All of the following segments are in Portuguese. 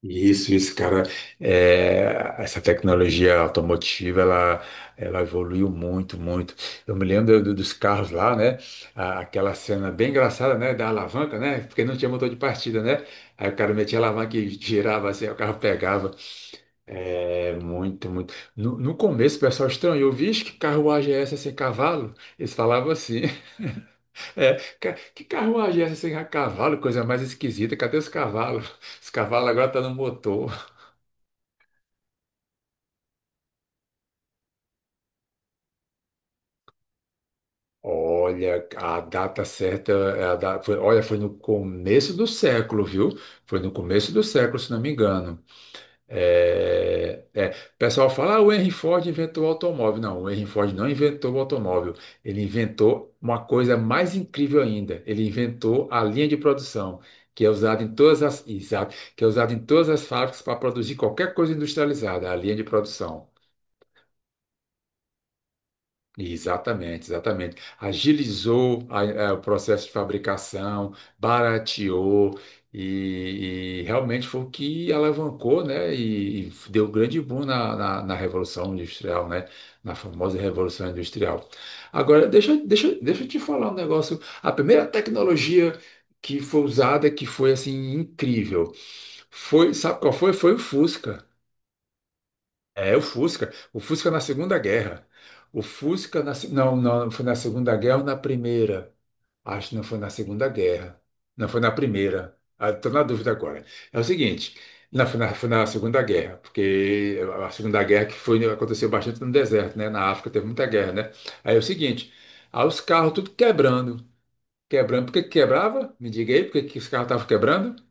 Isso, cara. É, essa tecnologia automotiva, ela evoluiu muito, muito. Eu me lembro dos carros lá, né? Aquela cena bem engraçada, né? Da alavanca, né? Porque não tinha motor de partida, né? Aí o cara metia a alavanca e girava assim, aí o carro pegava. É, muito, muito. No começo o pessoal estranhou, vixe, que carruagem é essa sem cavalo? Eles falavam assim, é, que carruagem é essa sem cavalo? Coisa mais esquisita, cadê os cavalos? Os cavalos agora estão no motor. Olha, a data certa, é foi, olha, foi no começo do século, viu? Foi no começo do século, se não me engano. É, o pessoal fala, ah, o Henry Ford inventou o automóvel. Não, o Henry Ford não inventou o automóvel. Ele inventou uma coisa mais incrível ainda. Ele inventou a linha de produção, que é usada em todas as, exato, que é usada em todas as fábricas para produzir qualquer coisa industrializada, a linha de produção. Exatamente, exatamente. Agilizou o processo de fabricação, barateou e realmente foi o que alavancou, né? E deu grande boom na Revolução Industrial, né? Na famosa Revolução Industrial. Agora, deixa eu te falar um negócio. A primeira tecnologia que foi usada, que foi assim incrível, foi, sabe qual foi? Foi o Fusca. É, o Fusca. O Fusca na Segunda Guerra. O Fusca na... Não, não, foi na Segunda Guerra ou na Primeira? Acho que não foi na Segunda Guerra. Não, foi na Primeira. Estou na dúvida agora. É o seguinte, não, foi na Segunda Guerra, porque a Segunda Guerra que foi, aconteceu bastante no deserto, né? Na África teve muita guerra, né? Aí é o seguinte, aí os carros tudo quebrando. Quebrando, por que que quebrava? Me diga aí, por que que os carros estavam quebrando?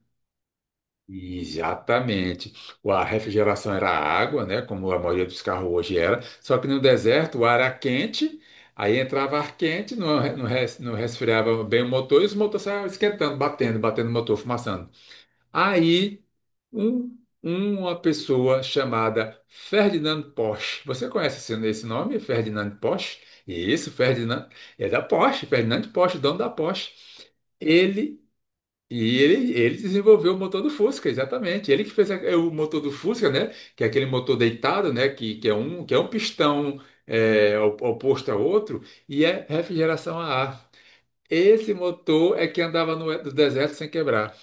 Exatamente. A refrigeração era água, né? Como a maioria dos carros hoje era. Só que no deserto o ar era quente, aí entrava ar quente, não, não, não resfriava bem o motor e os motores saiam esquentando, batendo, batendo o motor, fumaçando. Aí um- uma pessoa chamada Ferdinand Porsche. Você conhece esse nome, Ferdinand Porsche? Isso, Ferdinand. É da Porsche, Ferdinand Porsche, dono da Porsche. Ele ele desenvolveu o motor do Fusca, exatamente. Ele que fez o motor do Fusca, né? Que é aquele motor deitado, né? Que é um pistão oposto ao outro e é refrigeração a ar. Esse motor é que andava no deserto sem quebrar.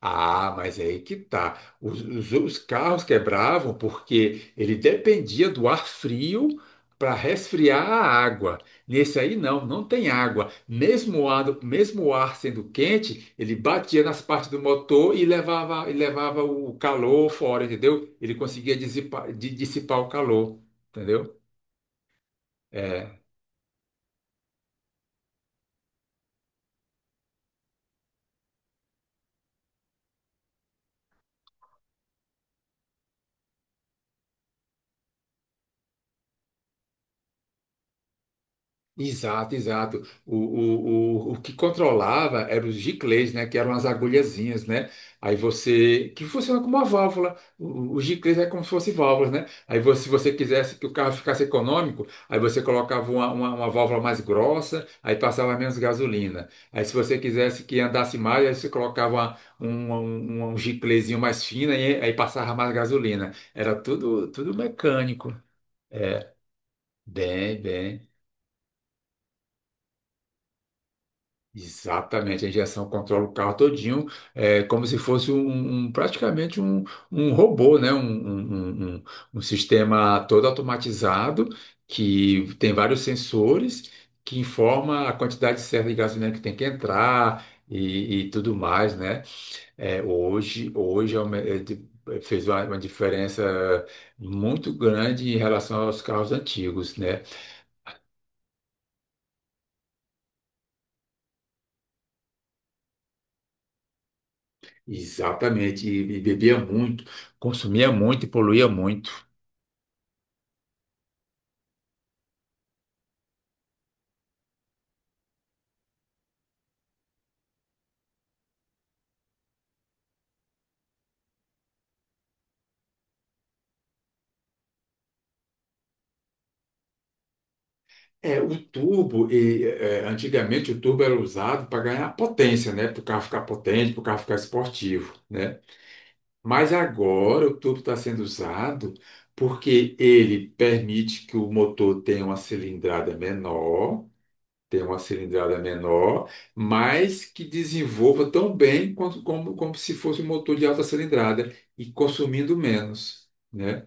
Ah, mas é aí que tá. Os carros quebravam porque ele dependia do ar frio para resfriar a água. Nesse aí não, não tem água. Mesmo o ar sendo quente, ele batia nas partes do motor e levava o calor fora, entendeu? Ele conseguia dissipar o calor, entendeu? É. Exato, exato. O que controlava eram os giclês, né? Que eram as agulhazinhas, né? Aí você. Que funciona como uma válvula. Os giclês é como se fossem válvulas, né? Aí você, se você quisesse que o carro ficasse econômico, aí você colocava uma válvula mais grossa, aí passava menos gasolina. Aí se você quisesse que andasse mais, aí você colocava um, um giclezinho mais fino, aí passava mais gasolina. Era tudo, tudo mecânico. Bem, bem. Exatamente, a injeção controla o carro todinho, é como se fosse um, praticamente um robô, né? Um sistema todo automatizado que tem vários sensores que informa a quantidade certa de gasolina que tem que entrar e tudo mais, né? É, hoje é fez uma diferença muito grande em relação aos carros antigos, né? Exatamente, e bebia muito, consumia muito e poluía muito. É, o tubo antigamente o tubo era usado para ganhar potência, né? Para o carro ficar potente, para o carro ficar esportivo, né? Mas agora o tubo está sendo usado porque ele permite que o motor tenha uma cilindrada menor, tenha uma cilindrada menor, mas que desenvolva tão bem quanto, como se fosse um motor de alta cilindrada e consumindo menos, né?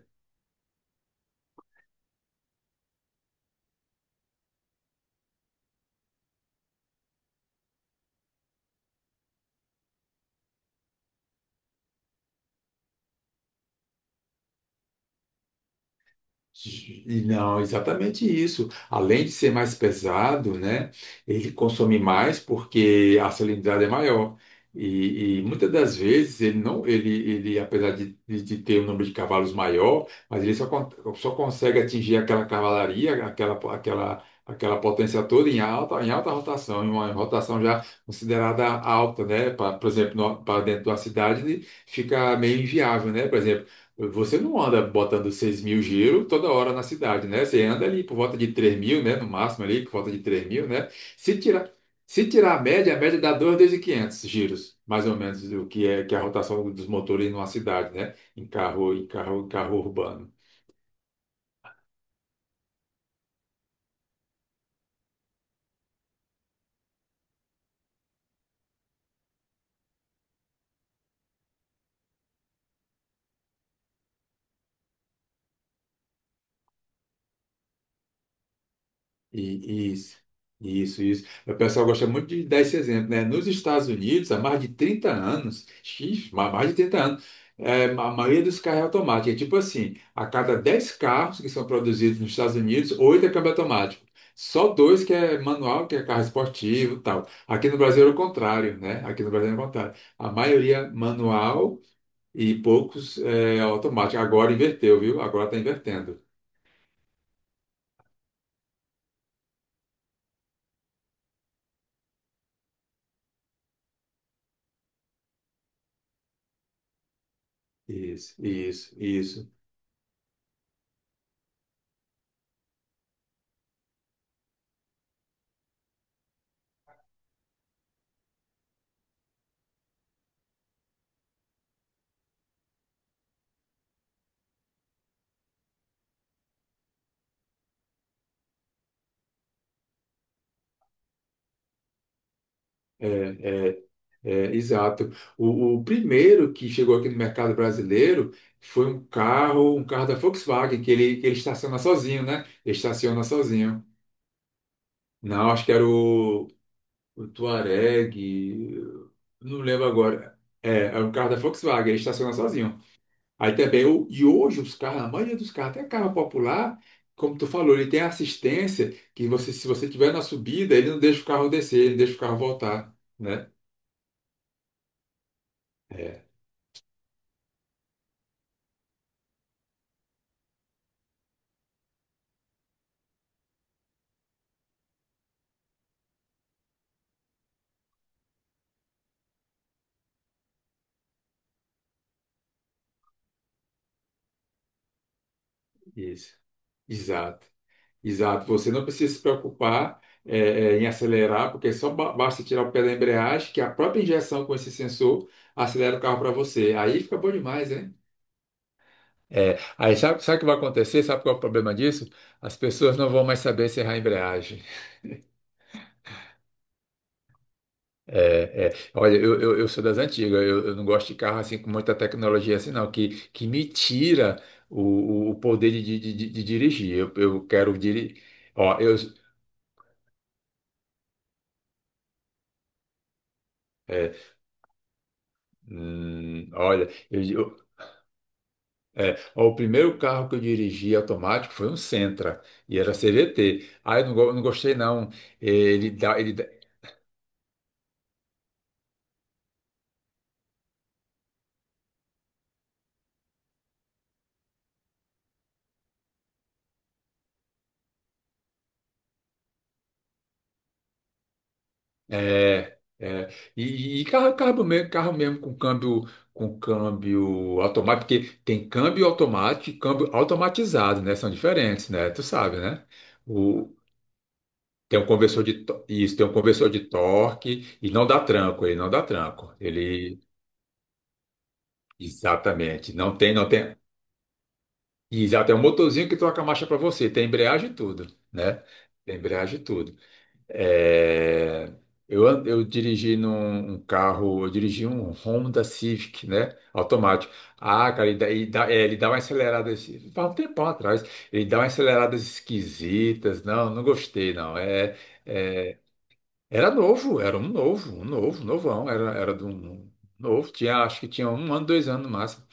E não, exatamente isso. Além de ser mais pesado, né, ele consome mais porque a salinidade é maior. E muitas das vezes ele não, ele apesar de ter um número de cavalos maior, mas ele só consegue atingir aquela cavalaria, aquela potência toda em alta rotação, em uma rotação já considerada alta, né? Por exemplo, para dentro de uma cidade ele fica meio inviável, né? Por exemplo, você não anda botando 6.000 giro toda hora na cidade, né? Você anda ali por volta de 3.000, né? No máximo ali, por volta de 3.000, né? Se tirar, se tirar a média dá 2.500 giros, mais ou menos, que é a rotação dos motores numa cidade, né? Em carro urbano. Isso, isso, isso. O pessoal gosta muito de dar esse exemplo, né? Nos Estados Unidos, há mais de 30 anos, mais de 30 anos, é, a maioria dos carros é automático. É tipo assim, a cada 10 carros que são produzidos nos Estados Unidos, 8 é câmbio automático. Só dois que é manual, que é carro esportivo e tal. Aqui no Brasil é o contrário, né? Aqui no Brasil é o contrário. A maioria manual e poucos é, automático. Agora inverteu, viu? Agora está invertendo. Isso, isso, isso. É, exato. O primeiro que chegou aqui no mercado brasileiro foi um carro, da Volkswagen, que ele estaciona sozinho, né? Ele estaciona sozinho. Não, acho que era o Touareg, não lembro agora. É, é um carro da Volkswagen, ele estaciona sozinho. Aí também, e hoje os carros, a maioria dos carros, até carro popular, como tu falou, ele tem assistência que você, se você tiver na subida, ele não deixa o carro descer, ele deixa o carro voltar, né? É, isso. Exato. Exato, você não precisa se preocupar em acelerar, porque basta tirar o pé da embreagem, que a própria injeção com esse sensor acelera o carro para você. Aí fica bom demais, hein? É, aí sabe o que vai acontecer? Sabe qual é o problema disso? As pessoas não vão mais saber serrar a embreagem. É, é. Olha, eu sou das antigas, eu não gosto de carro assim com muita tecnologia assim, não, que me tira o, o poder de dirigir. Eu quero dirigir. Ó, eu. É, olha, é, ó, o primeiro carro que eu dirigi automático foi um Sentra, e era CVT. Ah, eu não, não gostei não. Ele dá- é, é. E carro mesmo com câmbio, automático, porque tem câmbio automático e câmbio automatizado, né? São diferentes, né? Tu sabe, né? O, Tem um conversor isso, tem um conversor de torque e não dá tranco, ele não dá tranco. Ele exatamente, não tem. E já tem um motorzinho que troca a marcha para você, tem embreagem e tudo, né? Tem embreagem e tudo. É, Eu dirigi um Honda Civic, né? Automático. Ah, cara, ele dá uma acelerada, assim, faz um tempão atrás, ele dá umas aceleradas esquisitas. Não, não gostei, não. É, Era novo, era um novo, novão, era de um novo, tinha, acho que tinha 1 ano, 2 anos no máximo.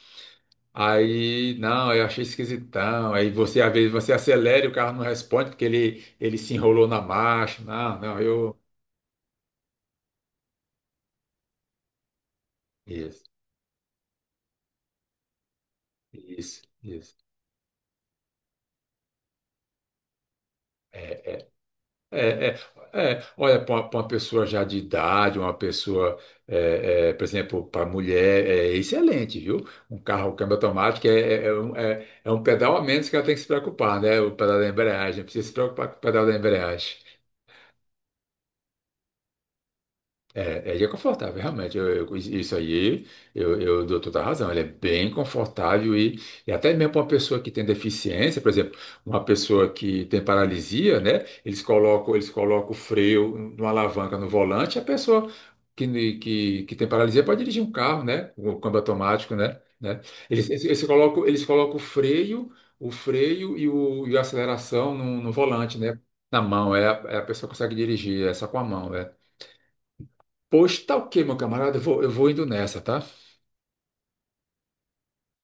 Aí, não, eu achei esquisitão. Aí você, às vezes, você acelera e o carro não responde porque ele se enrolou na marcha. Não, não, eu. Isso, isso, isso. É, é, é. Olha, pra uma pessoa já de idade, uma pessoa, por exemplo, para mulher, é excelente, viu? Um carro um câmbio automático é um pedal a menos que ela tem que se preocupar, né? O pedal da embreagem, não precisa se preocupar com o pedal da embreagem. É, ele é confortável, realmente. Isso aí, eu dou toda a razão. Ele é bem confortável e até mesmo para uma pessoa que tem deficiência, por exemplo, uma pessoa que tem paralisia, né? Eles colocam o freio numa alavanca no volante, a pessoa que tem paralisia pode dirigir um carro, né? Com o câmbio automático, né? Eles colocam o freio, o freio e a aceleração no volante, né? Na mão, é a pessoa que consegue dirigir, é só com a mão, é. Pois tá o quê, meu camarada? Eu vou indo nessa, tá?